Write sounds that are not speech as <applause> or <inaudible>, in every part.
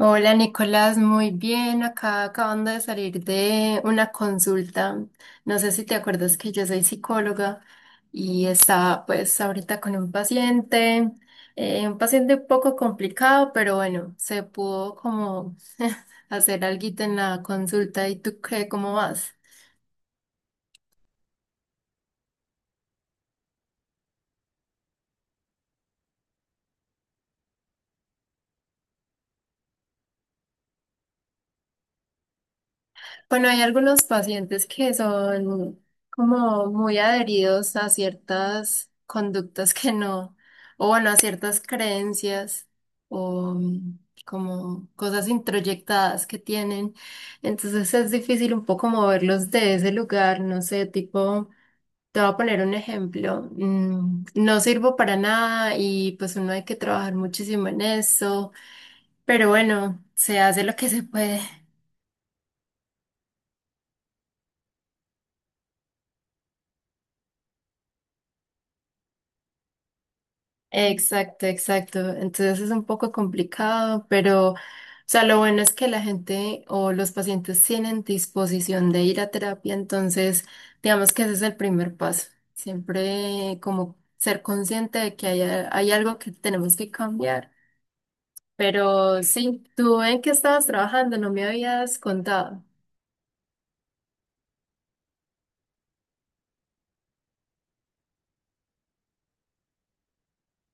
Hola Nicolás, muy bien. Acá acabando de salir de una consulta. No sé si te acuerdas que yo soy psicóloga y estaba pues ahorita con un paciente, un paciente un poco complicado, pero bueno, se pudo como <laughs> hacer alguito en la consulta. ¿Y tú qué, cómo vas? Bueno, hay algunos pacientes que son como muy adheridos a ciertas conductas que no, o bueno, a ciertas creencias o mm, como cosas introyectadas que tienen. Entonces es difícil un poco moverlos de ese lugar, no sé, tipo, te voy a poner un ejemplo, no sirvo para nada y pues uno hay que trabajar muchísimo en eso, pero bueno, se hace lo que se puede. Exacto, exacto. Entonces es un poco complicado, pero, o sea, lo bueno es que la gente o los pacientes tienen disposición de ir a terapia, entonces, digamos que ese es el primer paso. Siempre como ser consciente de que hay algo que tenemos que cambiar. Pero sí, tú en qué estabas trabajando, no me habías contado.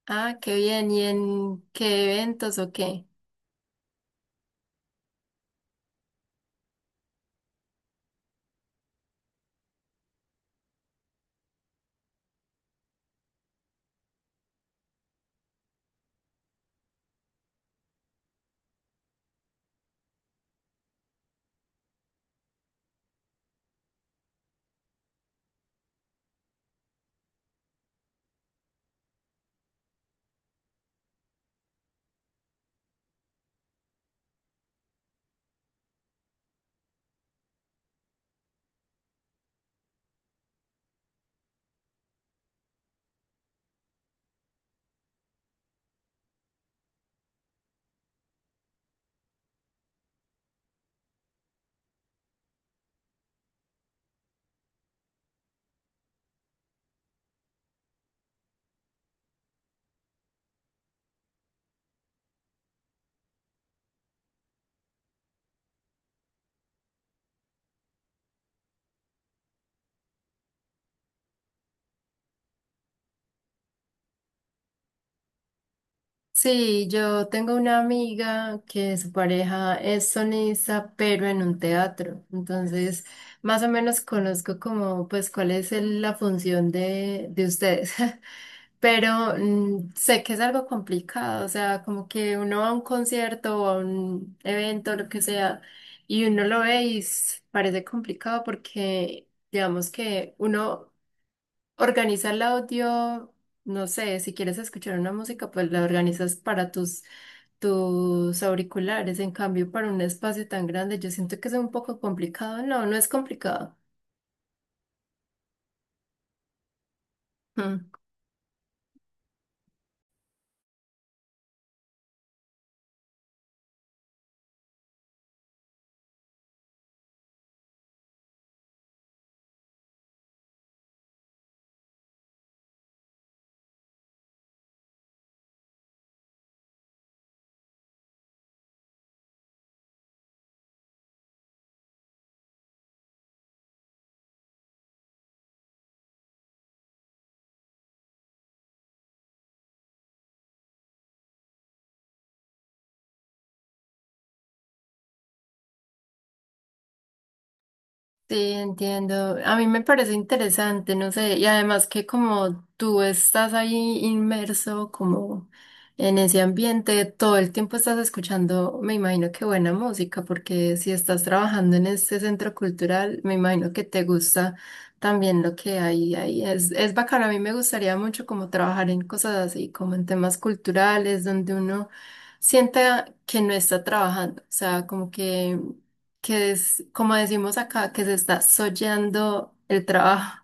Ah, qué bien. ¿Y en qué eventos o qué? Sí, yo tengo una amiga que su pareja es sonista, pero en un teatro. Entonces, más o menos conozco como, pues, cuál es la función de ustedes. <laughs> Pero sé que es algo complicado, o sea, como que uno va a un concierto o a un evento, lo que sea, y uno lo ve y parece complicado porque, digamos que uno organiza el audio, no sé, si quieres escuchar una música, pues la organizas para tus auriculares. En cambio, para un espacio tan grande, yo siento que es un poco complicado. No, no es complicado. Mm. Sí, entiendo. A mí me parece interesante, no sé, y además que como tú estás ahí inmerso como en ese ambiente, todo el tiempo estás escuchando, me imagino que buena música, porque si estás trabajando en este centro cultural, me imagino que te gusta también lo que hay ahí. Es bacano, a mí me gustaría mucho como trabajar en cosas así, como en temas culturales, donde uno sienta que no está trabajando, o sea, como que es, como decimos acá, que se está soyando el trabajo.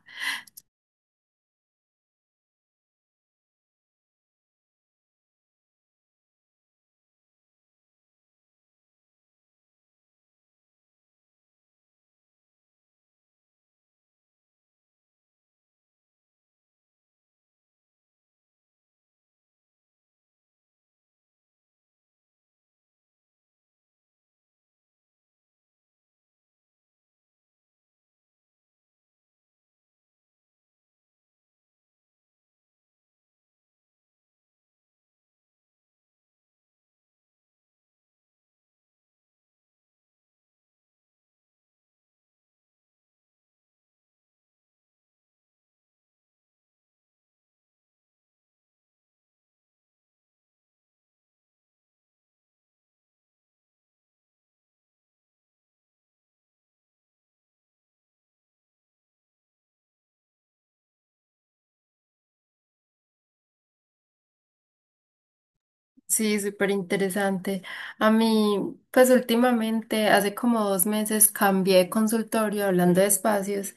Sí, súper interesante. A mí, pues últimamente, hace como dos meses, cambié de consultorio hablando de espacios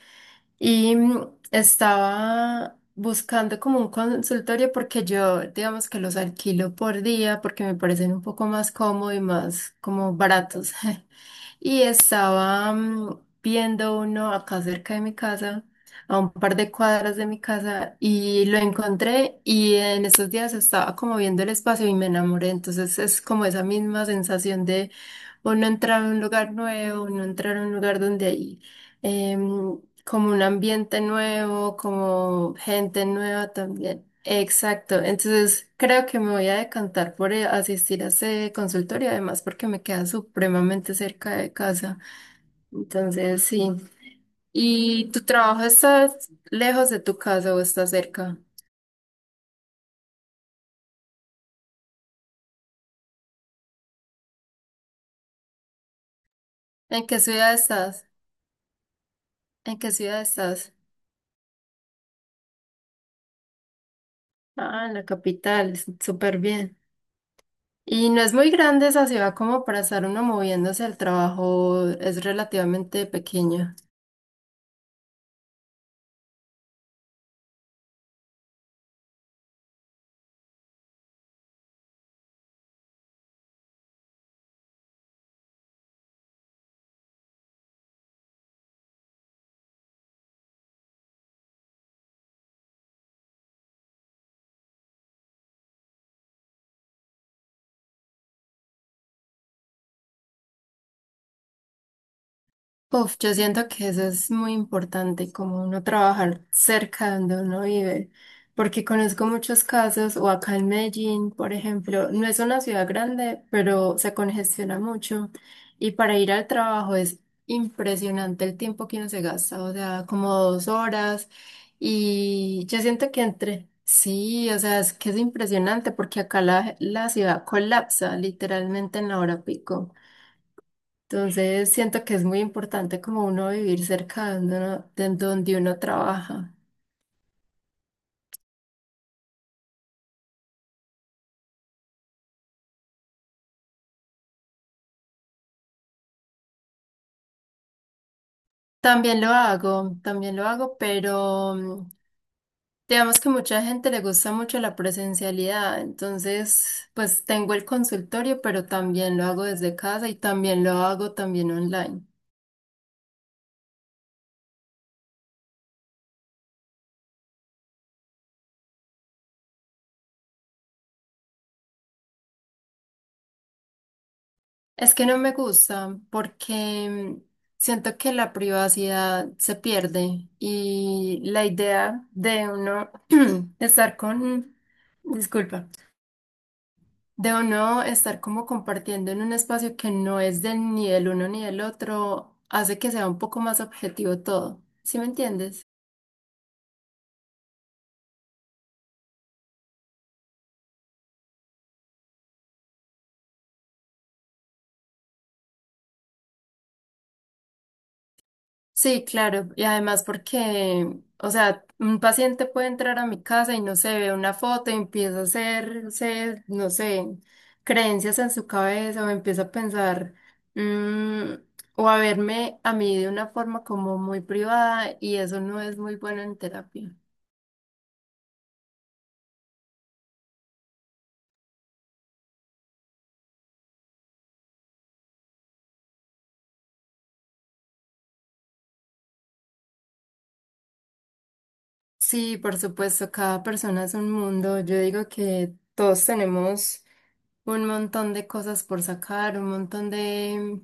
y estaba buscando como un consultorio porque yo, digamos que los alquilo por día porque me parecen un poco más cómodos y más como baratos. <laughs> Y estaba viendo uno acá cerca de mi casa a un par de cuadras de mi casa y lo encontré y en estos días estaba como viendo el espacio y me enamoré. Entonces es como esa misma sensación de uno entrar a un lugar nuevo, uno entrar a un lugar donde hay em, como un ambiente nuevo, como gente nueva también. Exacto, entonces creo que me voy a decantar por asistir a ese consultorio, además porque me queda supremamente cerca de casa. Entonces, sí. ¿Y tu trabajo está lejos de tu casa o está cerca? ¿En qué ciudad estás? ¿En qué ciudad estás? Ah, en la capital, súper bien. Y no es muy grande esa ciudad como para estar uno moviéndose al trabajo, es relativamente pequeño. Uf, yo siento que eso es muy importante, como uno trabajar cerca de donde uno vive, porque conozco muchos casos, o acá en Medellín, por ejemplo, no es una ciudad grande, pero se congestiona mucho y para ir al trabajo es impresionante el tiempo que uno se gasta, o sea, como dos horas y yo siento que entre, sí, o sea, es que es impresionante porque acá la ciudad colapsa literalmente en la hora pico. Entonces siento que es muy importante como uno vivir cerca de donde uno trabaja. También lo hago, pero digamos que mucha gente le gusta mucho la presencialidad. Entonces, pues tengo el consultorio, pero también lo hago desde casa y también lo hago también online. Es que no me gusta porque mm, siento que la privacidad se pierde y la idea de uno <clears throat> estar con... Disculpa. De uno estar como compartiendo en un espacio que no es de ni del uno ni del otro, hace que sea un poco más objetivo todo. ¿Sí me entiendes? Sí, claro. Y además porque, o sea, un paciente puede entrar a mi casa y no se ve una foto y empieza a hacerse, no sé, creencias en su cabeza o empieza a pensar, mm, o a verme a mí de una forma como muy privada y eso no es muy bueno en terapia. Sí, por supuesto, cada persona es un mundo. Yo digo que todos tenemos un montón de cosas por sacar, un montón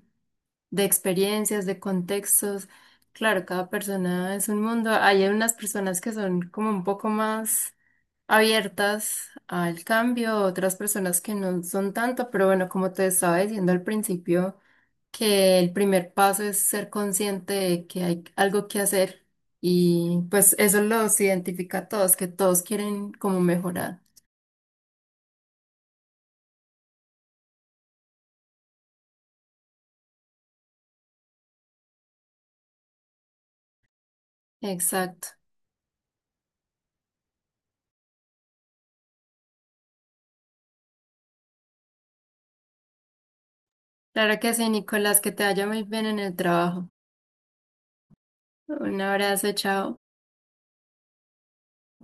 de experiencias, de contextos. Claro, cada persona es un mundo. Hay unas personas que son como un poco más abiertas al cambio, otras personas que no son tanto, pero bueno, como te estaba diciendo al principio que el primer paso es ser consciente de que hay algo que hacer y pues eso los identifica a todos, que todos quieren como mejorar. Exacto. Claro que sí, Nicolás, que te vaya muy bien en el trabajo. Un abrazo, chao.